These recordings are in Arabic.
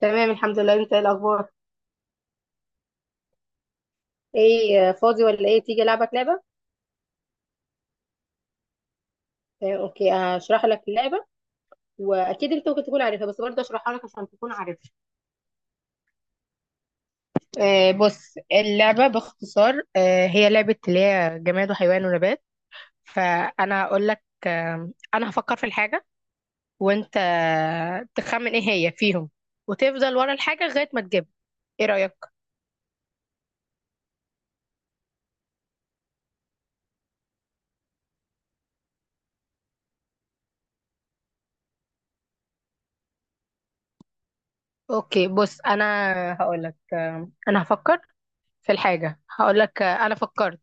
تمام الحمد لله. انت ايه الاخبار؟ ايه فاضي ولا ايه؟ تيجي العبك لعبه. اوكي، هشرح لك اللعبه. واكيد انت ممكن تكون عارفها، بس برضه اشرحها لك عشان تكون عارفها. بص، اللعبه باختصار هي لعبه اللي هي جماد وحيوان ونبات. فانا هقول لك انا هفكر في الحاجه، وانت تخمن ايه هي فيهم، وتفضل ورا الحاجه لغايه ما تجيبها. ايه رايك؟ اوكي بص، انا هقول لك انا هفكر في الحاجه، هقول لك انا فكرت.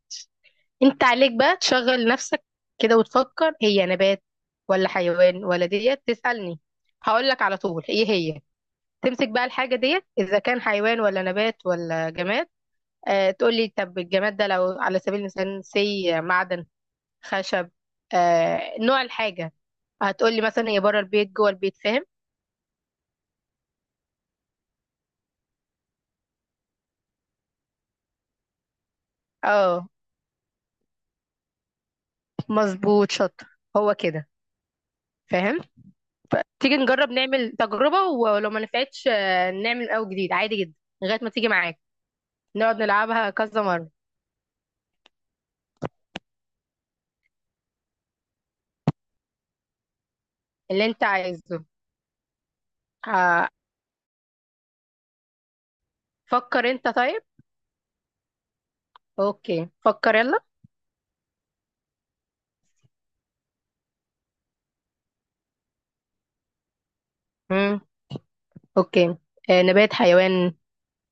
انت عليك بقى تشغل نفسك كده وتفكر هي نبات ولا حيوان ولا ديت، تسألني هقول لك على طول ايه هي. تمسك بقى الحاجة ديت اذا كان حيوان ولا نبات ولا جماد. آه تقول لي طب الجماد ده لو على سبيل المثال سي معدن، خشب، آه نوع الحاجة. هتقول لي مثلا هي بره البيت، جوه البيت، فاهم؟ اه مظبوط، شاطر، هو كده، فاهم. تيجي نجرب نعمل تجربة، ولو ما نفعتش نعمل او جديد عادي جدا، لغاية ما تيجي معاك. نقعد نلعبها كذا مرة. اللي انت عايزه. ه- فكر انت طيب. اوكي فكر، يلا. امم. اوكي نبات، حيوان،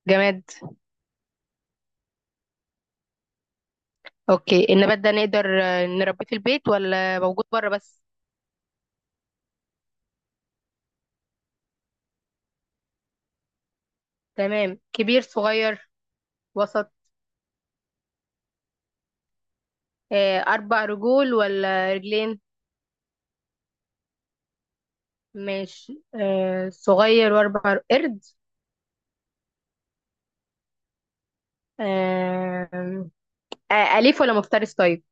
جماد. اوكي، النبات ده نقدر نربيه في البيت ولا موجود بره بس؟ تمام. كبير، صغير، وسط؟ اربع رجول ولا رجلين؟ ماشي. صغير واربع قرد؟ آه، اليف ولا مفترس طيب؟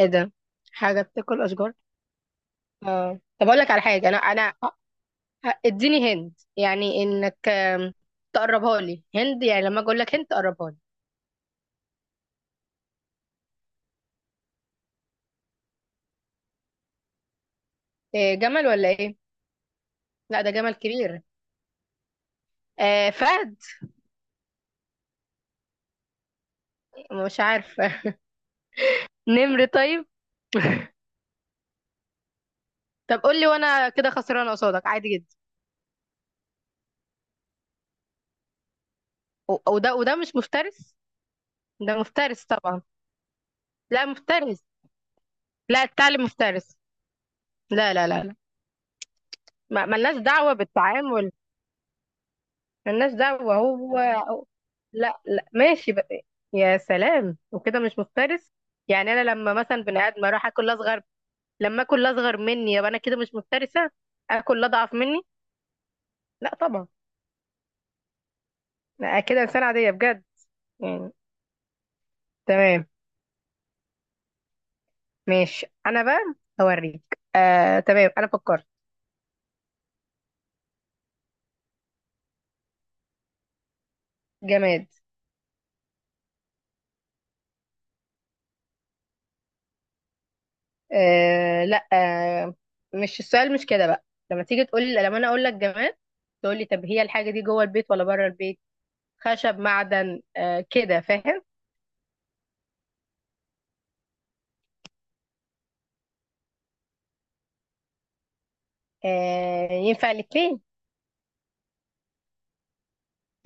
ايه ده، حاجه بتاكل اشجار؟ اه طب اقول لك على حاجه، انا اديني هند، يعني انك تقربها لي هند، يعني لما اجي اقول لك هند تقربها لي. إيه، جمل ولا ايه؟ لا ده جمل كبير. آه فهد. مش عارفه. نمر طيب؟ طب قول لي وانا كده خسرانه قصادك عادي جدا. وده مش مفترس؟ ده مفترس طبعا. لا مفترس، لا، الثعلب مفترس. لا لا لا لا. ملناش دعوه بالتعامل. ملناش دعوة، هو لا لا ماشي بقى. يا سلام، وكده مش مفترس؟ يعني انا لما مثلا بني ادم اروح اكل اصغر، لما اكل اصغر مني يبقى انا كده مش مفترسة؟ اكل اضعف مني. لا طبعا. لا كده انسانة عادية بجد، يعني. تمام. ماشي انا بقى هوريك. آه تمام انا فكرت. جماد. لا. آه مش السؤال مش كده بقى. لما تيجي تقول لي، لما انا اقول لك جماد، تقول لي طب هي الحاجة دي جوه البيت ولا بره البيت، خشب معدن، آه كده فاهم. آه ينفع الاتنين.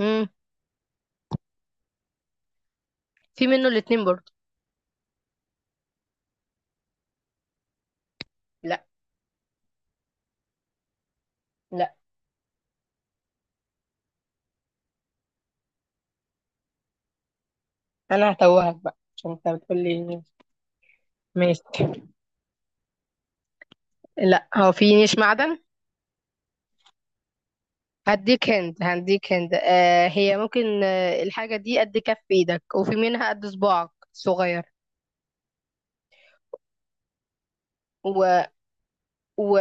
مم. في منه الاتنين برضه. لا. لا، انا هتوهك بقى عشان انت بتقولي. ماشي. لا، هو في نيش معدن. هديك هند، هديك هند، هي ممكن الحاجة دي قد كف ايدك، وفي منها قد صباعك صغير. و, و...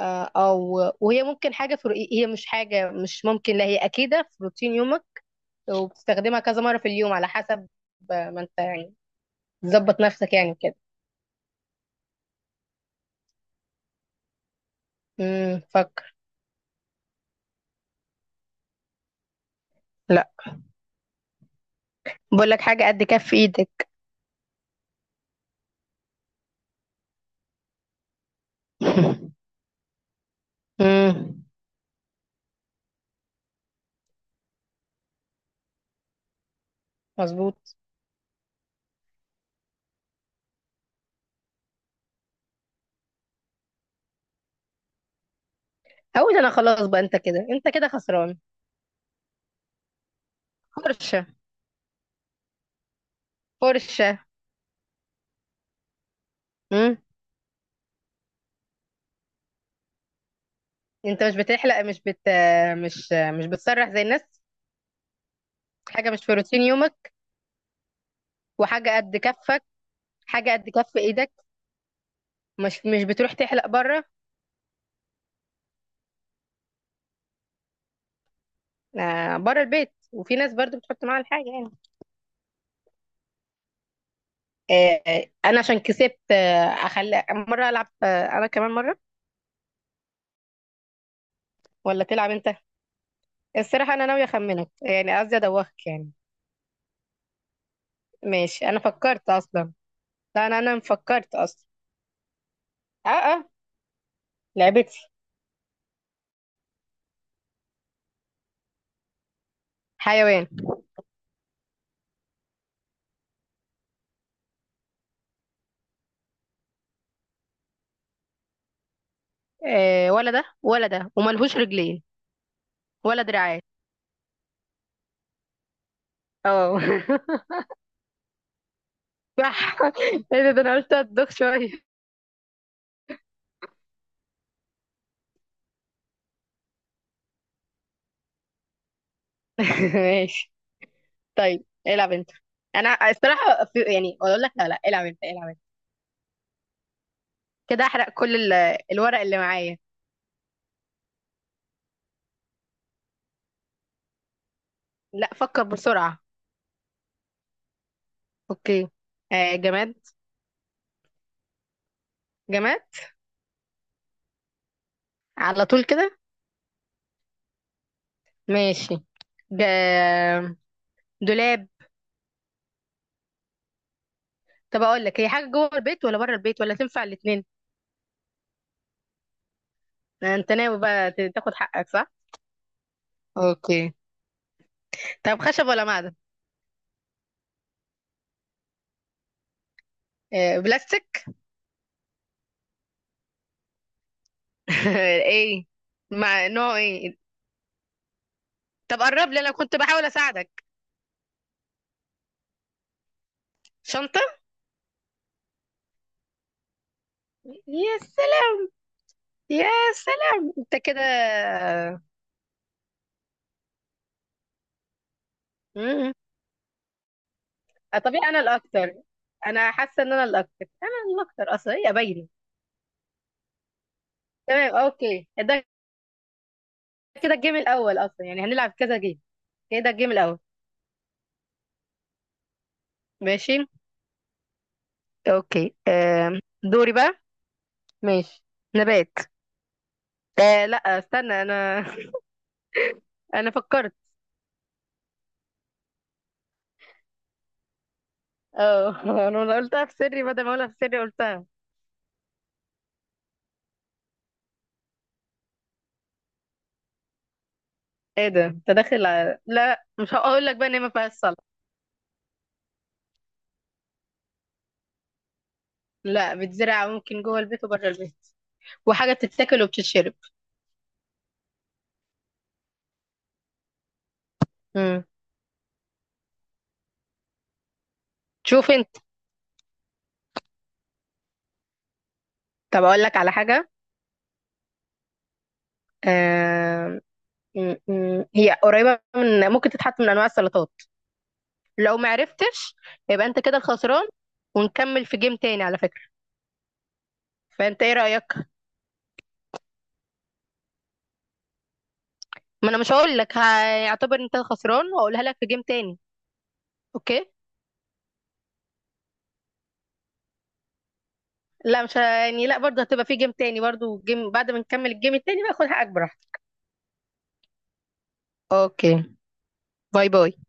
او وهي ممكن حاجة في هي مش حاجة، مش ممكن، لا هي أكيدة في روتين يومك، وبتستخدمها كذا مرة في اليوم على حسب ما انت يعني ظبط نفسك، يعني كده. فكر. لا، بقول لك حاجه قد كف ايدك. امم، مظبوط. اقول انا خلاص بقى، انت كده، انت كده خسران. فرشه. فرشه. امم. انت مش بتحلق، مش بت مش مش بتسرح زي الناس؟ حاجه مش في روتين يومك، وحاجه قد كفك، حاجه قد كف ايدك. مش مش بتروح تحلق بره؟ آه بره البيت، وفي ناس برضو بتحط معاها الحاجه يعني. انا عشان كسبت، آه اخلي مره العب آه انا كمان مره، ولا تلعب انت؟ الصراحة أنا ناوية أخمنك، يعني قصدي أدوخك يعني. ماشي أنا فكرت أصلا. لا أنا فكرت أصلا. أه أه. لعبتي. حيوان. ولا ده ولا ده، وملهوش رجلين ولا دراعات. اه. صح. ايه ده، ده أنا قلت أدوخ شوية. ماشي. طيب العب أنت. أنا الصراحة في، يعني أقول لك لا لا العب أنت، العب أنت. كده أحرق كل الورق اللي معايا. لا، فكر بسرعة. أوكي. جماد. جماد. على طول كده. ماشي. جا. دولاب. طب اقول لك، هي حاجه جوه البيت ولا بره البيت ولا تنفع الاثنين؟ انت ناوي بقى تاخد حقك صح. اوكي. طب خشب ولا معدن؟ بلاستيك؟ ايه، مع نوع ايه؟ طب قرب لي، انا كنت بحاول اساعدك. شنطه. يا سلام. يا سلام، انت كده. مم. طبيعي، انا الاكتر. انا حاسه ان انا الاكتر، انا الاكتر اصلا هي باينه. تمام. اوكي ده كده الجيم الاول، اصلا يعني هنلعب كذا جيم، كده الجيم الاول. ماشي. اوكي دوري بقى. ماشي. نبات. لا استنى انا، انا فكرت. اه. انا قلتها في سري، بدل ما اقولها في سري قلتها. ايه ده، انت داخل على... لا مش هقول لك بقى ان هي ما فيهاش صلع. لا بتزرع، ممكن جوه البيت وبره البيت، وحاجه بتتاكل وبتتشرب. امم. شوف انت. طب اقول لك على حاجه، آم، هي قريبه من، ممكن تتحط من انواع السلطات. لو ما عرفتش، يبقى انت كده الخسران، ونكمل في جيم تاني على فكره. فانت ايه رايك؟ ما انا مش هقول لك، هيعتبر انت خسران، واقولها لك في جيم تاني. اوكي. لا مش يعني، لا برضه هتبقى في جيم تاني برضه، جيم بعد ما نكمل الجيم التاني بقى خد حقك براحتك. اوكي. باي باي.